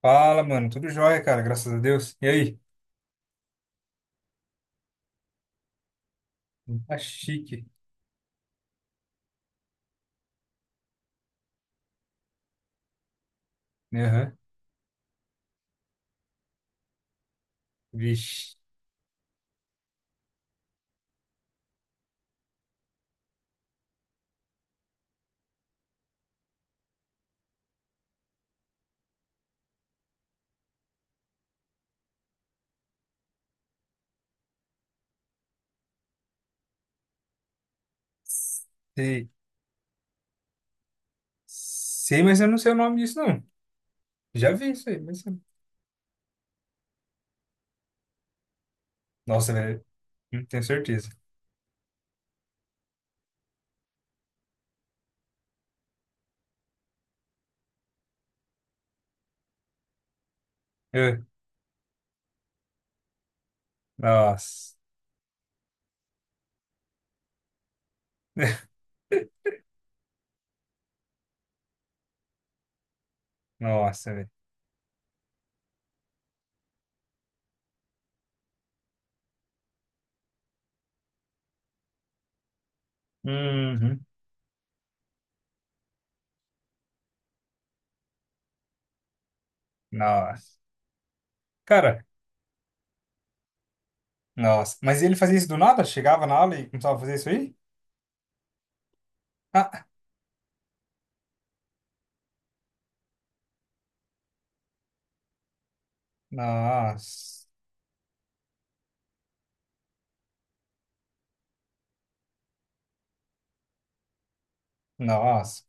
Fala, mano. Tudo jóia, cara. Graças a Deus. E aí? Tá chique. Aham. Vixe. Sei. Sei, mas eu não sei o nome disso, não. Já vi isso aí, mas. Nossa, velho. Não tenho certeza. Eh, Nossa. Nossa, velho. Uhum. Nossa. Cara, nossa. Mas ele fazia isso do nada? Chegava na aula e começava a fazer isso aí? Ah, nossa. Nossa.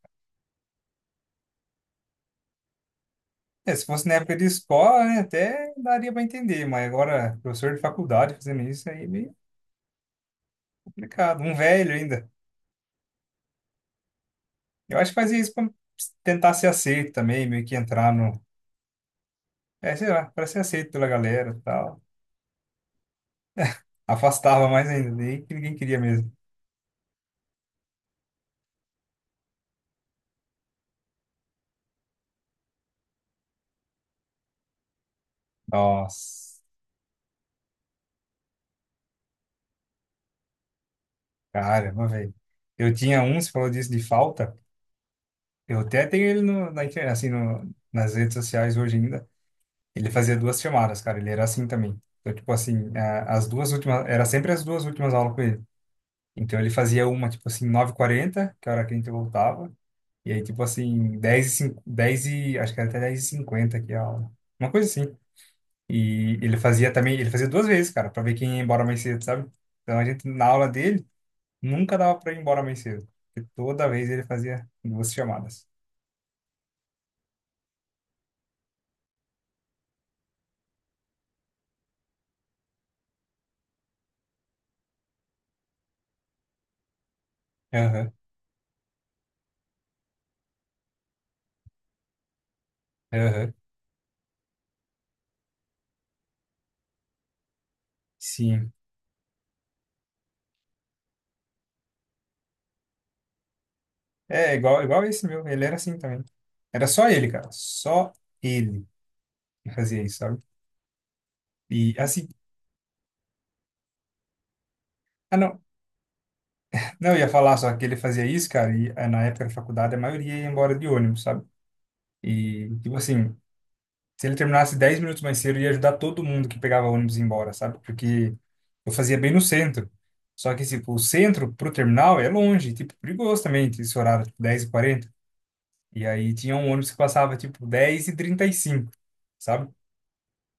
É, se fosse na época de escola, né, até daria para entender, mas agora, professor de faculdade fazendo isso aí é meio complicado. Um velho ainda. Eu acho que fazia isso para tentar ser aceito também, meio que entrar no. É, sei lá, para ser aceito pela galera e tal. Afastava mais ainda, daí que ninguém queria mesmo. Nossa, caramba, velho. Eu tinha um, você falou disso de falta. Eu até tenho ele na internet, assim, no, nas redes sociais hoje ainda. Ele fazia duas chamadas, cara. Ele era assim também. Então, tipo assim, as duas últimas, era sempre as duas últimas aulas com ele. Então ele fazia uma, tipo assim, nove h 40 que era a hora que a gente voltava. E aí, tipo assim, 10 e, 5, 10 e acho que era até dez e cinquenta que a aula. Uma coisa assim. E ele fazia também, ele fazia duas vezes, cara, pra ver quem ia embora mais cedo, sabe? Então a gente, na aula dele, nunca dava pra ir embora mais cedo. Porque toda vez ele fazia duas chamadas. Aham, aham, sim. É, igual esse meu, ele era assim também. Era só ele, cara, só ele que fazia isso, sabe? E assim, ah, não. Não, eu ia falar só que ele fazia isso, cara, e na época da faculdade a maioria ia embora de ônibus, sabe? E, tipo assim, se ele terminasse 10 minutos mais cedo, ia ajudar todo mundo que pegava ônibus a ir embora, sabe? Porque eu fazia bem no centro. Só que, tipo, o centro pro terminal é longe, tipo, perigoso também, tinha esse horário, tipo, 10h40. E quarenta. E aí tinha um ônibus que passava, tipo, dez e trinta e cinco, sabe?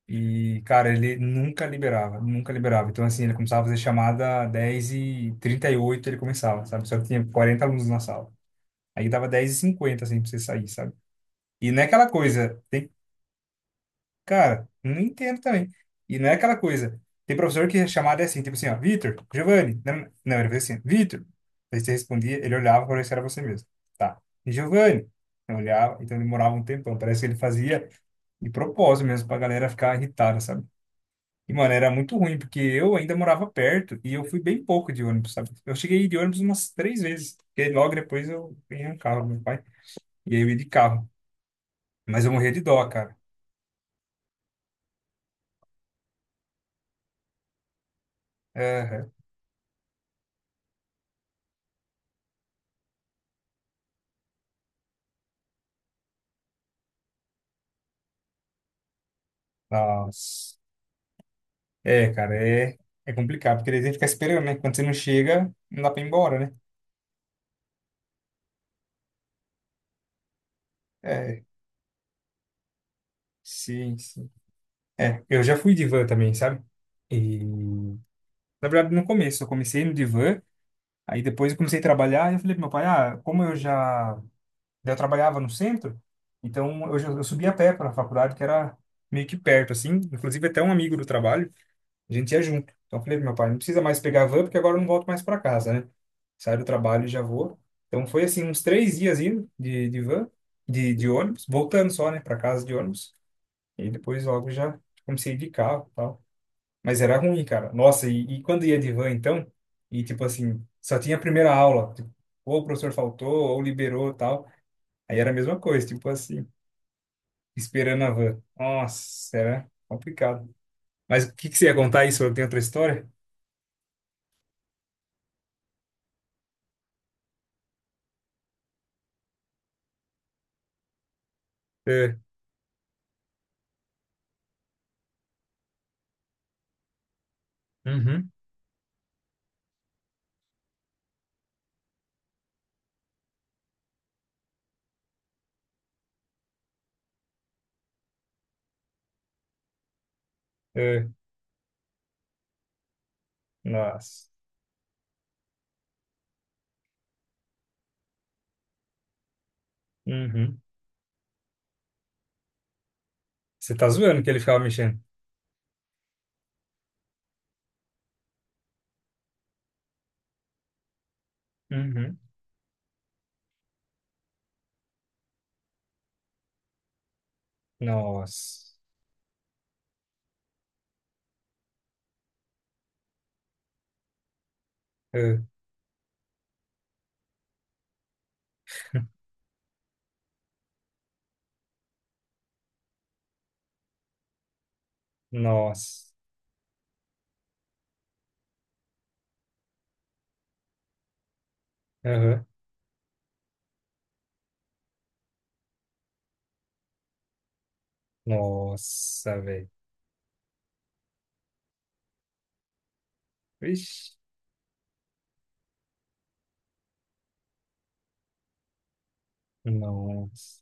E, cara, ele nunca liberava, nunca liberava. Então, assim, ele começava a fazer chamada dez e trinta e oito ele começava, sabe? Só que tinha 40 alunos na sala. Aí dava 10:50, assim, pra você sair, sabe? E não é aquela coisa, tem, cara, não entendo também. E não é aquela coisa, tem professor que a chamada é assim, tipo assim, ó, Vitor, Giovanni, não, não, ele fazia assim, Vitor. Aí você respondia, ele olhava para ver se era você mesmo. Tá. E Giovanni, eu olhava, então demorava um tempão, parece que ele fazia de propósito mesmo, pra galera ficar irritada, sabe? E, mano, era muito ruim, porque eu ainda morava perto e eu fui bem pouco de ônibus, sabe? Eu cheguei de ônibus umas três vezes, porque logo depois eu ganhei um carro do meu pai, e aí eu ia de carro. Mas eu morria de dó, cara. Aham. Nossa. É, cara, é complicado, porque daí tem que ficar esperando, né? Quando você não chega, não dá pra ir embora, né? É, sim, sim. É, eu já fui de van também, sabe? E, na verdade, no começo, eu comecei no divã, aí depois eu comecei a trabalhar, e eu falei pro meu pai, ah, como eu já trabalhava no centro, então eu, já, eu subia a pé para a faculdade, que era meio que perto, assim, inclusive até um amigo do trabalho, a gente ia junto. Então eu falei pro meu pai, não precisa mais pegar a van, porque agora eu não volto mais para casa, né? Saio do trabalho e já vou. Então foi assim, uns três dias indo de van, de ônibus, voltando só, né, para casa de ônibus. E depois logo já comecei de carro e tal. Mas era ruim, cara. Nossa, e quando ia de van, então, e tipo assim, só tinha a primeira aula. Tipo, ou o professor faltou, ou liberou e tal. Aí era a mesma coisa, tipo assim, esperando a van. Nossa, era complicado. Mas o que que você ia contar isso? Eu tenho outra história? É. Uhum. É. Nossa. Uhum. Você tá zoando que ele ficava mexendo? Uhum. Nossa. É. Nossa. Aham. Nossa, velho. Vixe. Nossa.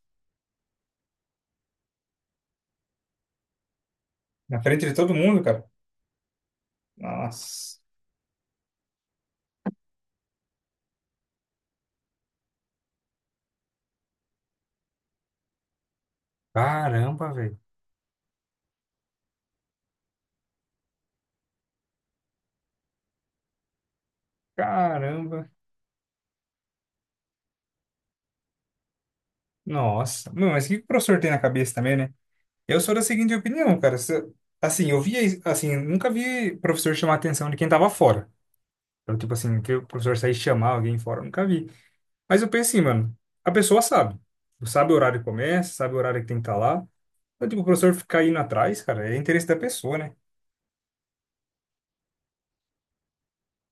Na frente de todo mundo, cara. Nossa. Caramba, velho. Caramba. Nossa. Meu, mas o que que o professor tem na cabeça também, né? Eu sou da seguinte opinião, cara. Assim, eu via, assim, nunca vi professor chamar a atenção de quem tava fora. Então, tipo assim, que o professor sair chamar alguém fora, eu nunca vi. Mas eu pensei, mano, a pessoa sabe. Sabe o horário que começa, sabe o horário que tem que estar lá. Então, tipo, o professor ficar indo atrás, cara, é interesse da pessoa, né?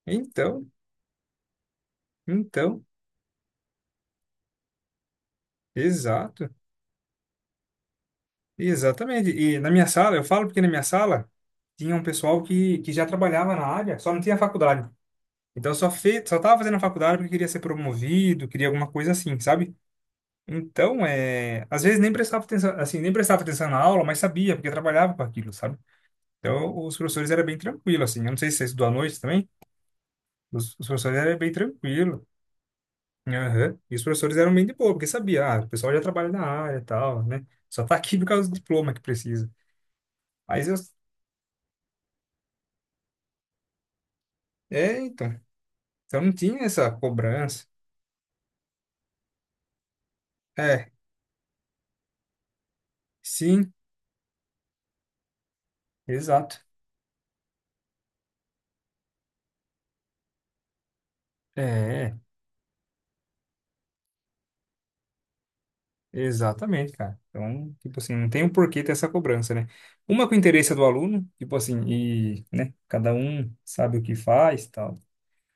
Então, então, exato, exatamente. E na minha sala, eu falo porque na minha sala tinha um pessoal que já trabalhava na área, só não tinha faculdade. Então, só fez, só tava fazendo a faculdade porque queria ser promovido, queria alguma coisa assim, sabe? Então, é, às vezes nem prestava atenção, assim, nem prestava atenção na aula, mas sabia, porque trabalhava com aquilo, sabe? Então, os professores eram bem tranquilos, assim. Eu não sei se você estudou à noite também. Os professores eram bem tranquilos. Aham. E os professores eram bem de boa, porque sabia, ah, o pessoal já trabalha na área e tal, né? Só tá aqui por causa do diploma que precisa. Mas eu. É, então. Então não tinha essa cobrança. É, sim, exato. É, exatamente, cara. Então, tipo assim, não tem o porquê ter essa cobrança, né? Uma com o interesse do aluno, tipo assim, e, né, cada um sabe o que faz, tal.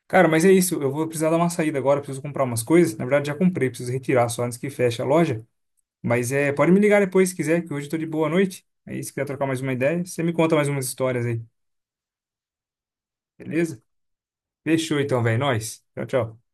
Cara, mas é isso. Eu vou precisar dar uma saída agora. Preciso comprar umas coisas. Na verdade, já comprei. Preciso retirar só antes que feche a loja. Mas é, pode me ligar depois se quiser, que hoje eu tô de boa noite. Aí, se quiser trocar mais uma ideia, você me conta mais umas histórias aí. Beleza? Fechou então, velho. Nós. Tchau, tchau.